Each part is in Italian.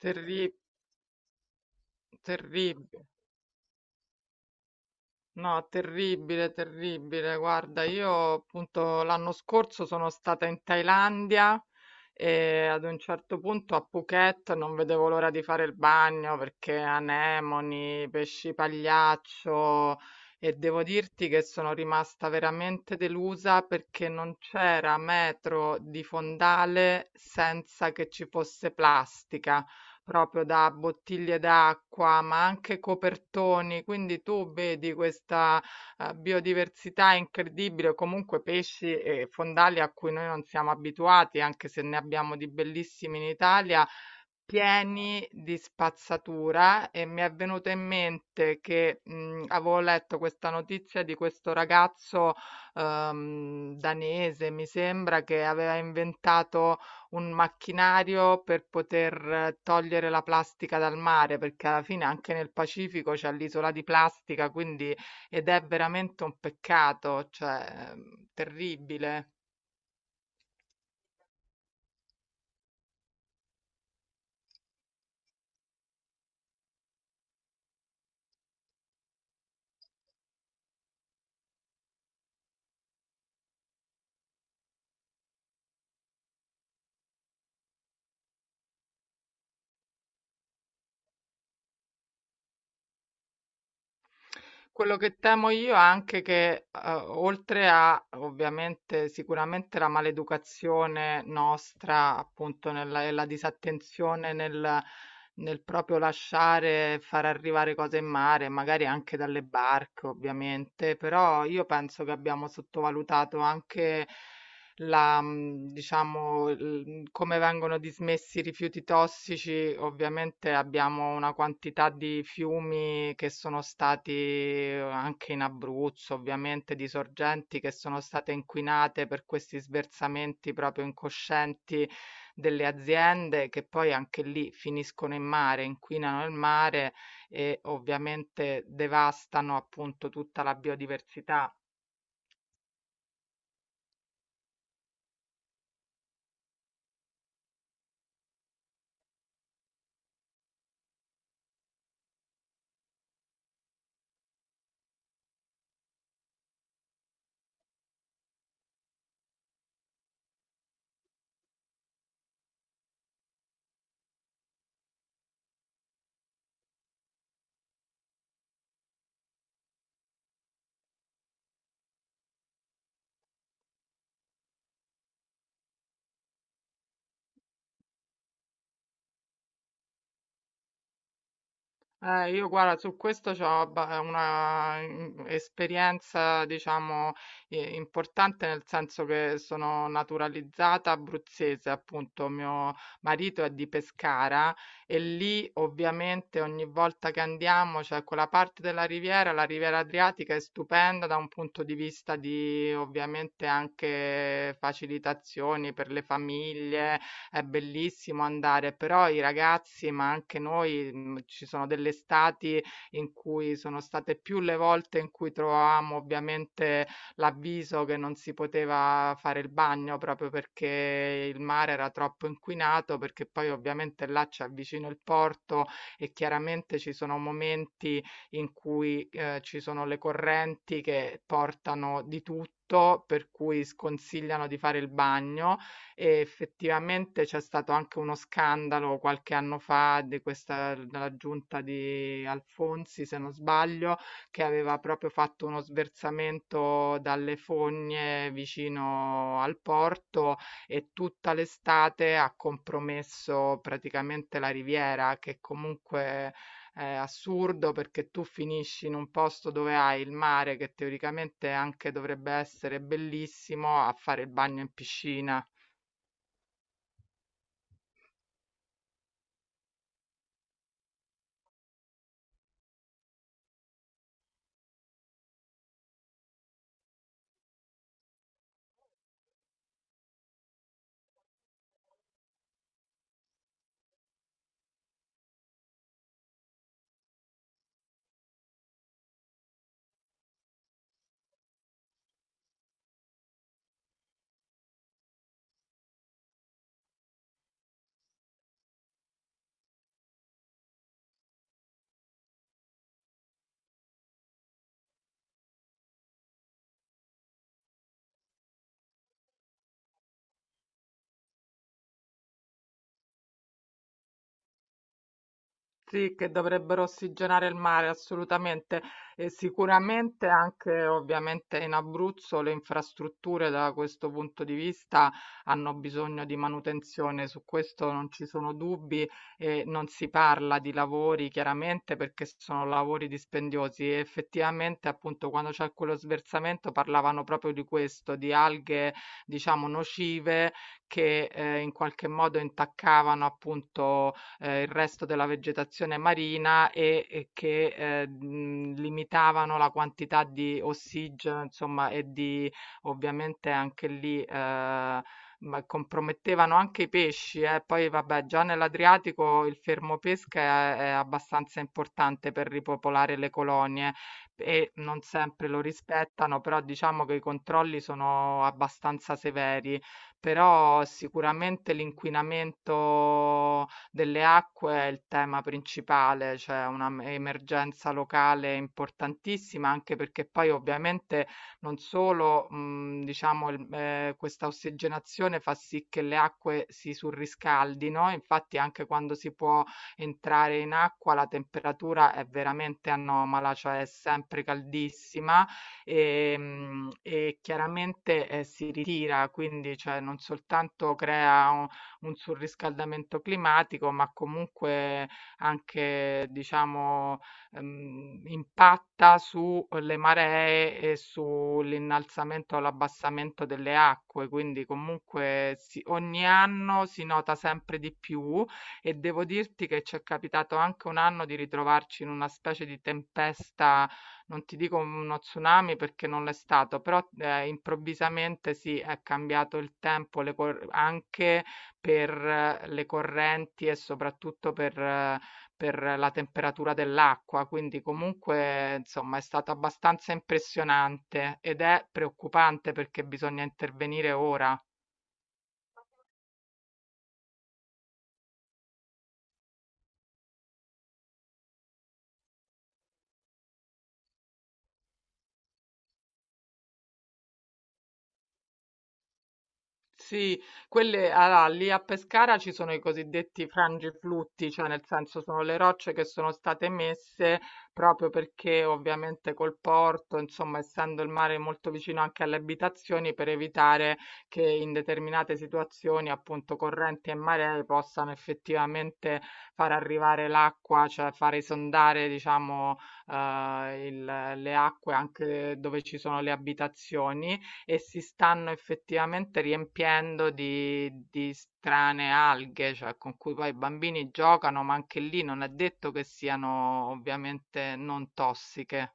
Terri- terribile, no, terribile, terribile. Guarda, io appunto l'anno scorso sono stata in Thailandia e ad un certo punto a Phuket non vedevo l'ora di fare il bagno perché anemoni, pesci pagliaccio e devo dirti che sono rimasta veramente delusa perché non c'era metro di fondale senza che ci fosse plastica, proprio da bottiglie d'acqua, ma anche copertoni. Quindi tu vedi questa, biodiversità incredibile, o comunque pesci e fondali a cui noi non siamo abituati, anche se ne abbiamo di bellissimi in Italia, pieni di spazzatura, e mi è venuto in mente che, avevo letto questa notizia di questo ragazzo, danese, mi sembra, che aveva inventato un macchinario per poter togliere la plastica dal mare, perché alla fine anche nel Pacifico c'è l'isola di plastica, quindi ed è veramente un peccato, cioè, terribile. Quello che temo io è anche che, oltre a ovviamente sicuramente la maleducazione nostra, appunto, nella, e la disattenzione nel proprio lasciare far arrivare cose in mare, magari anche dalle barche, ovviamente, però io penso che abbiamo sottovalutato anche la, diciamo, il come vengono dismessi i rifiuti tossici. Ovviamente abbiamo una quantità di fiumi che sono stati anche in Abruzzo, ovviamente, di sorgenti che sono state inquinate per questi sversamenti proprio incoscienti delle aziende, che poi anche lì finiscono in mare, inquinano il mare e ovviamente devastano appunto tutta la biodiversità. Io guarda, su questo ho una esperienza, diciamo, importante, nel senso che sono naturalizzata abruzzese, appunto, mio marito è di Pescara e lì ovviamente ogni volta che andiamo, cioè quella parte della riviera, la riviera Adriatica è stupenda da un punto di vista di ovviamente anche facilitazioni per le famiglie, è bellissimo andare, però i ragazzi, ma anche noi, ci sono delle estati in cui sono state più le volte in cui trovavamo ovviamente l'avviso che non si poteva fare il bagno, proprio perché il mare era troppo inquinato, perché poi ovviamente là c'è vicino il porto e chiaramente ci sono momenti in cui, ci sono le correnti che portano di tutto, per cui sconsigliano di fare il bagno. E effettivamente c'è stato anche uno scandalo qualche anno fa di questa della giunta di Alfonsi, se non sbaglio, che aveva proprio fatto uno sversamento dalle fogne vicino al porto e tutta l'estate ha compromesso praticamente la riviera, che comunque è assurdo, perché tu finisci in un posto dove hai il mare, che teoricamente anche dovrebbe essere bellissimo, a fare il bagno in piscina. Sì, che dovrebbero ossigenare il mare, assolutamente. E sicuramente anche ovviamente in Abruzzo le infrastrutture da questo punto di vista hanno bisogno di manutenzione, su questo non ci sono dubbi, e non si parla di lavori chiaramente perché sono lavori dispendiosi. E effettivamente appunto quando c'è quello sversamento parlavano proprio di questo, di alghe diciamo nocive che in qualche modo intaccavano appunto il resto della vegetazione marina e che, limitavano la quantità di ossigeno, insomma, e di ovviamente anche lì, ma compromettevano anche i pesci, eh. Poi vabbè, già nell'Adriatico il fermo pesca è abbastanza importante per ripopolare le colonie e non sempre lo rispettano, però diciamo che i controlli sono abbastanza severi. Però sicuramente l'inquinamento delle acque è il tema principale, c'è una emergenza locale importantissima, anche perché poi ovviamente non solo, diciamo, questa ossigenazione fa sì che le acque si surriscaldino, infatti anche quando si può entrare in acqua la temperatura è veramente anomala, cioè è sempre caldissima e chiaramente si ritira, quindi cioè, non soltanto crea un surriscaldamento climatico, ma comunque anche, diciamo, impatta sulle maree e sull'innalzamento o l'abbassamento delle acque. Quindi comunque ogni anno si nota sempre di più, e devo dirti che ci è capitato anche un anno di ritrovarci in una specie di tempesta, non ti dico uno tsunami perché non l'è stato, però improvvisamente sì, è cambiato il tempo, anche per le correnti e soprattutto per la temperatura dell'acqua, quindi comunque insomma è stato abbastanza impressionante ed è preoccupante perché bisogna intervenire ora. Sì, quelle allora, lì a Pescara ci sono i cosiddetti frangiflutti, cioè nel senso sono le rocce che sono state messe proprio perché ovviamente col porto, insomma, essendo il mare molto vicino anche alle abitazioni, per evitare che in determinate situazioni, appunto correnti e maree, possano effettivamente far arrivare l'acqua, cioè far esondare, diciamo, le acque anche dove ci sono le abitazioni, e si stanno effettivamente riempiendo di, strane alghe, cioè con cui poi i bambini giocano, ma anche lì non è detto che siano ovviamente non tossiche.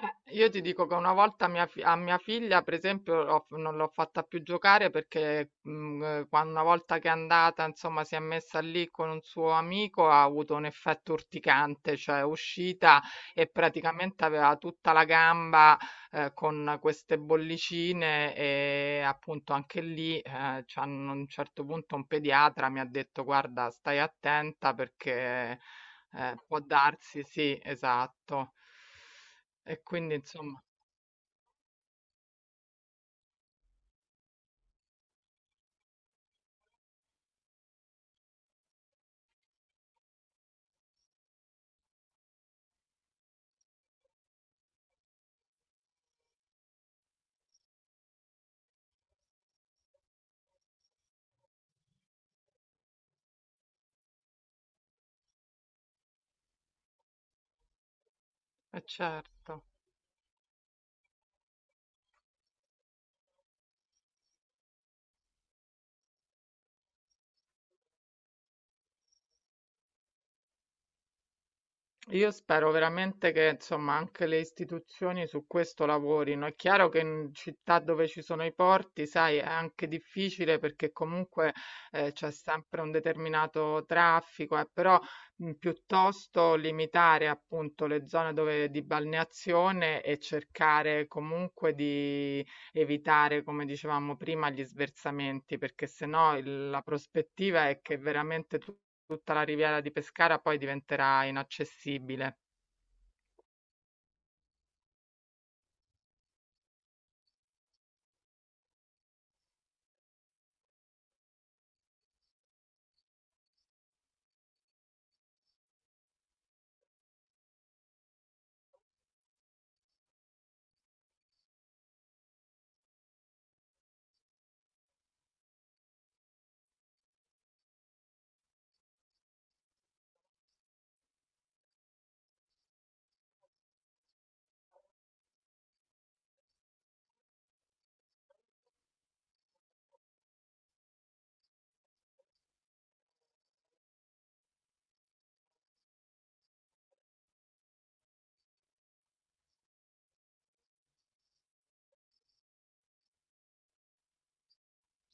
Io ti dico che una volta a mia figlia, per esempio, non l'ho fatta più giocare perché quando, una volta che è andata, insomma, si è messa lì con un suo amico, ha avuto un effetto urticante, cioè è uscita e praticamente aveva tutta la gamba con queste bollicine, e appunto anche lì, a un certo punto un pediatra mi ha detto, guarda, stai attenta perché... può darsi, sì, esatto. E quindi insomma eh certo. Io spero veramente che insomma anche le istituzioni su questo lavorino. È chiaro che in città dove ci sono i porti, sai, è anche difficile perché comunque c'è sempre un determinato traffico, però piuttosto limitare appunto le zone dove, di balneazione, e cercare comunque di evitare, come dicevamo prima, gli sversamenti, perché sennò la prospettiva è che veramente tu tutta la riviera di Pescara poi diventerà inaccessibile.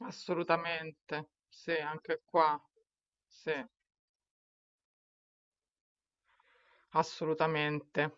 Assolutamente. Sì, anche qua. Sì, assolutamente.